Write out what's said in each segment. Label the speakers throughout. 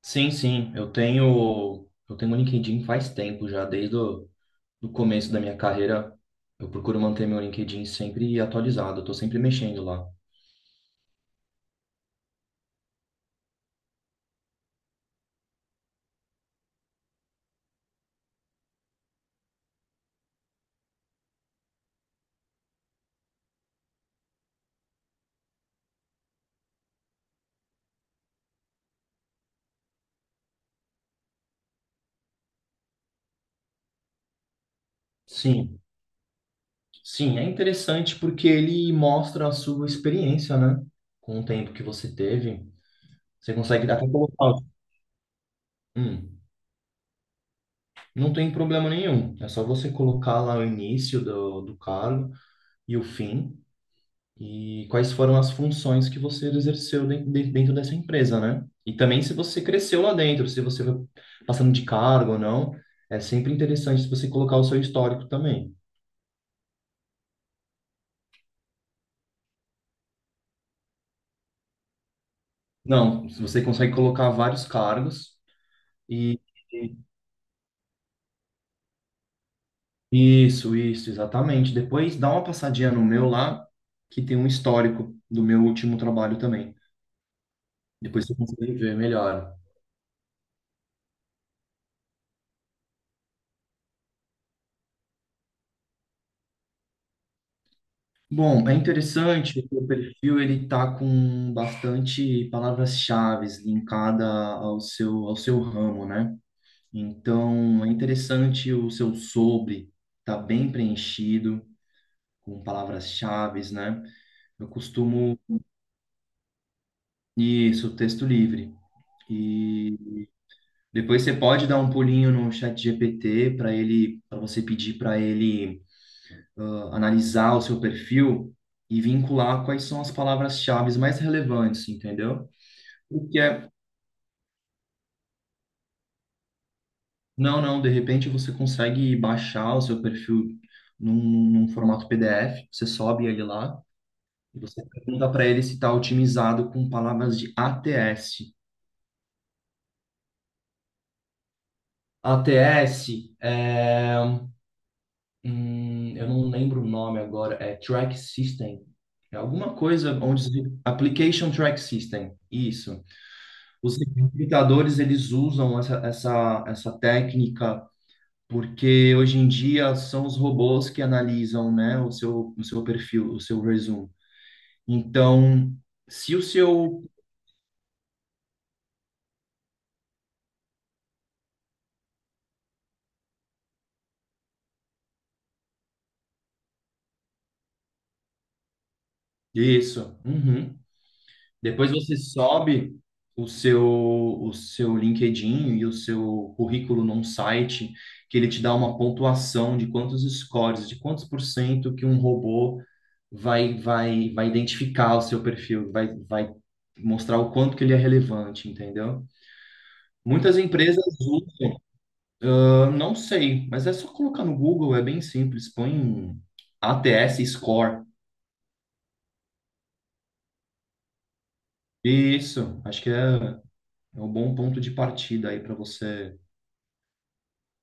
Speaker 1: Sim, sim, eu tenho o LinkedIn faz tempo já, desde o do começo da minha carreira, eu procuro manter meu LinkedIn sempre atualizado, eu estou sempre mexendo lá. Sim, sim, é interessante porque ele mostra a sua experiência, né? Com o tempo que você teve, você consegue até colocar. Hum, não tem problema nenhum, é só você colocar lá o início do cargo e o fim. E quais foram as funções que você exerceu dentro dessa empresa, né? E também se você cresceu lá dentro, se você foi passando de cargo ou não, é sempre interessante se você colocar o seu histórico também. Não, se você consegue colocar vários cargos e e- isso, isso, exatamente. Depois dá uma passadinha no meu lá, que tem um histórico do meu último trabalho também. Depois você consegue ver melhor. Bom, é interessante que o perfil ele está com bastante palavras-chaves linkada ao seu ramo, né? Então, é interessante o seu sobre tá bem preenchido com palavras-chaves, né? Eu costumo isso, texto livre. E depois você pode dar um pulinho no chat GPT para você pedir para ele analisar o seu perfil e vincular quais são as palavras-chaves mais relevantes, entendeu? O que é? Não, não, de repente você consegue baixar o seu perfil num formato PDF, você sobe ele lá e você pergunta para ele se está otimizado com palavras de ATS. ATS é. Eu não lembro o nome agora, é Track System. É alguma coisa onde. Application Track System. Isso. Os recrutadores, eles usam essa técnica porque hoje em dia são os robôs que analisam, né, o seu perfil, o seu resumo. Então, se o seu... Isso. Uhum. Depois você sobe o seu, o seu LinkedIn e o seu currículo num site que ele te dá uma pontuação de quantos scores, de quantos por cento que um robô vai identificar o seu perfil, vai mostrar o quanto que ele é relevante, entendeu? Muitas empresas eu não sei, mas é só colocar no Google, é bem simples. Põe ATS Score. Isso, acho que é, é um bom ponto de partida aí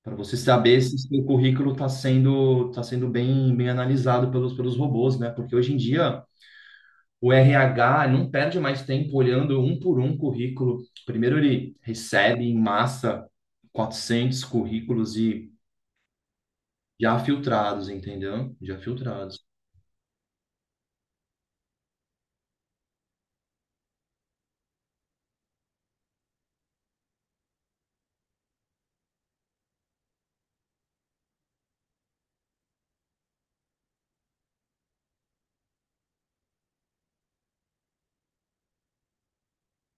Speaker 1: para você saber se seu currículo está sendo, tá sendo bem, bem analisado pelos, pelos robôs, né? Porque hoje em dia o RH não perde mais tempo olhando um por um currículo. Primeiro ele recebe em massa 400 currículos e já filtrados, entendeu? Já filtrados.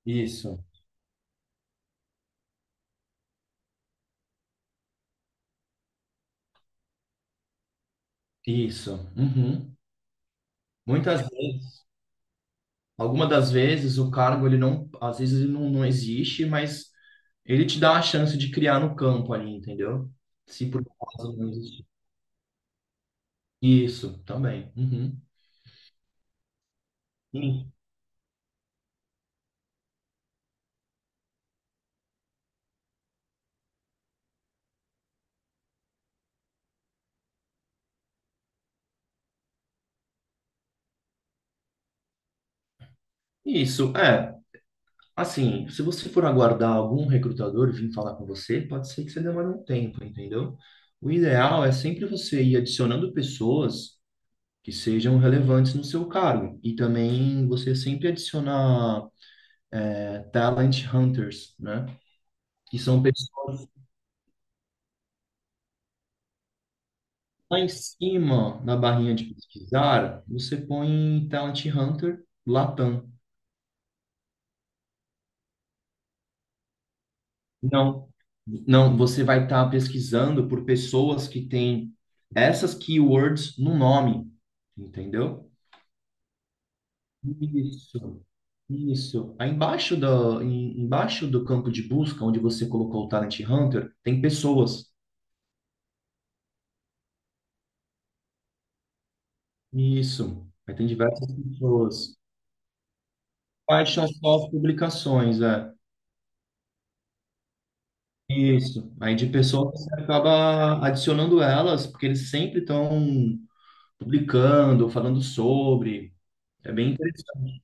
Speaker 1: Isso, isso. Uhum. Muitas vezes, alguma das vezes, o cargo ele não, às vezes ele não, não existe, mas ele te dá a chance de criar no campo ali, entendeu? Se por acaso não existir. Isso, também. Uhum. Sim. Isso, é. Assim, se você for aguardar algum recrutador vir falar com você, pode ser que você demore um tempo, entendeu? O ideal é sempre você ir adicionando pessoas que sejam relevantes no seu cargo. E também você sempre adicionar é, talent hunters, né? Que são pessoas lá em cima na barrinha de pesquisar, você põe Talent Hunter Latam. Não, não, você vai estar pesquisando por pessoas que têm essas keywords no nome, entendeu? Isso, isso. Aí embaixo do, embaixo do campo de busca, onde você colocou o Talent Hunter, tem pessoas. Isso, aí tem diversas pessoas. Quais são as suas publicações, é? Isso. Aí de pessoa você acaba adicionando elas, porque eles sempre estão publicando, falando sobre. É bem interessante.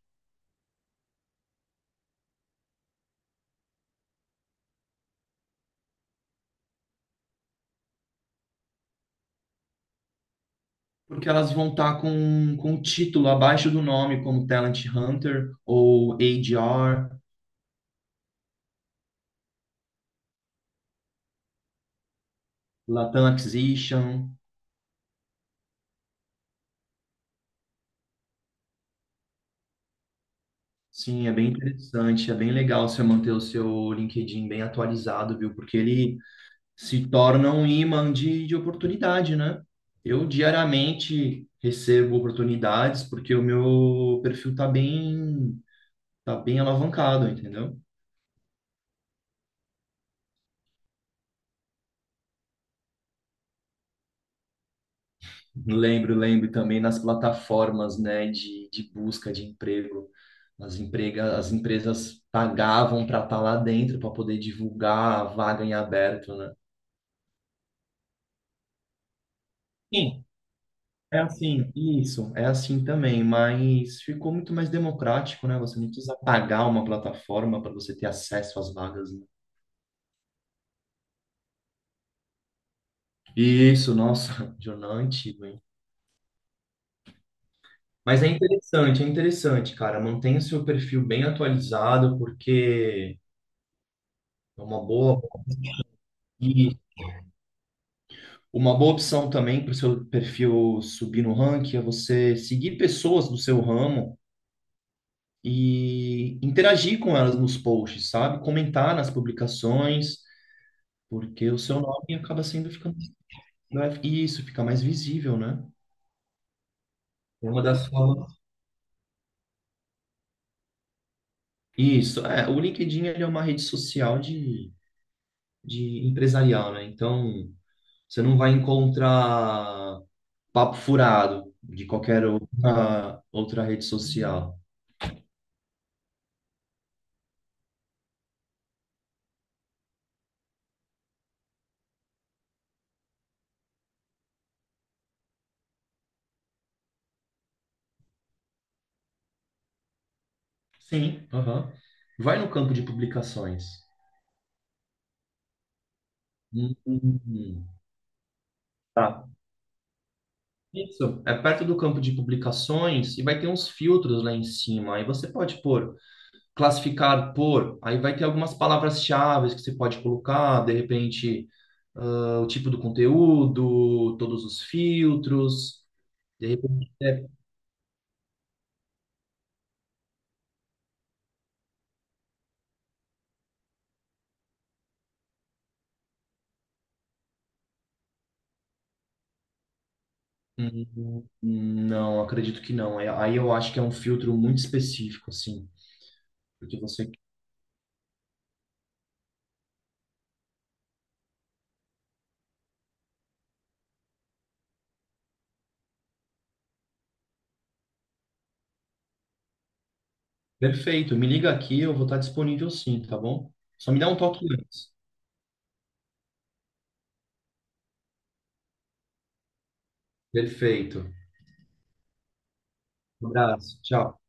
Speaker 1: Porque elas vão estar com o título abaixo do nome, como Talent Hunter ou ADR, Latam Acquisition. Sim, é bem interessante, é bem legal você manter o seu LinkedIn bem atualizado, viu? Porque ele se torna um imã de oportunidade, né? Eu diariamente recebo oportunidades porque o meu perfil tá bem alavancado, entendeu? Lembro, lembro também nas plataformas, né, de busca de emprego. As, emprega, as empresas pagavam para estar lá dentro, para poder divulgar a vaga em aberto, né? Sim, é assim, isso, é assim também, mas ficou muito mais democrático, né? Você não precisa pagar uma plataforma para você ter acesso às vagas, né? Isso, nossa, jornal antigo, hein? Mas é interessante, cara. Mantenha o seu perfil bem atualizado, porque é uma boa e uma boa opção também para o seu perfil subir no ranking é você seguir pessoas do seu ramo e interagir com elas nos posts, sabe? Comentar nas publicações. Porque o seu nome acaba sendo ficando, não é, isso, fica mais visível, né? É uma das formas. Isso, é, o LinkedIn ele é uma rede social de empresarial, né? Então, você não vai encontrar papo furado de qualquer outra, outra rede social. Sim, aham. Vai no campo de publicações. Hum, hum, hum. Tá. Isso, é perto do campo de publicações e vai ter uns filtros lá em cima. Aí você pode pôr classificar por, aí vai ter algumas palavras-chave que você pode colocar, de repente, ah, o tipo do conteúdo, todos os filtros, de repente, é, não, acredito que não. Aí eu acho que é um filtro muito específico, assim, porque você... Perfeito, me liga aqui, eu vou estar disponível sim, tá bom? Só me dá um toque antes. Perfeito. Um abraço, tchau.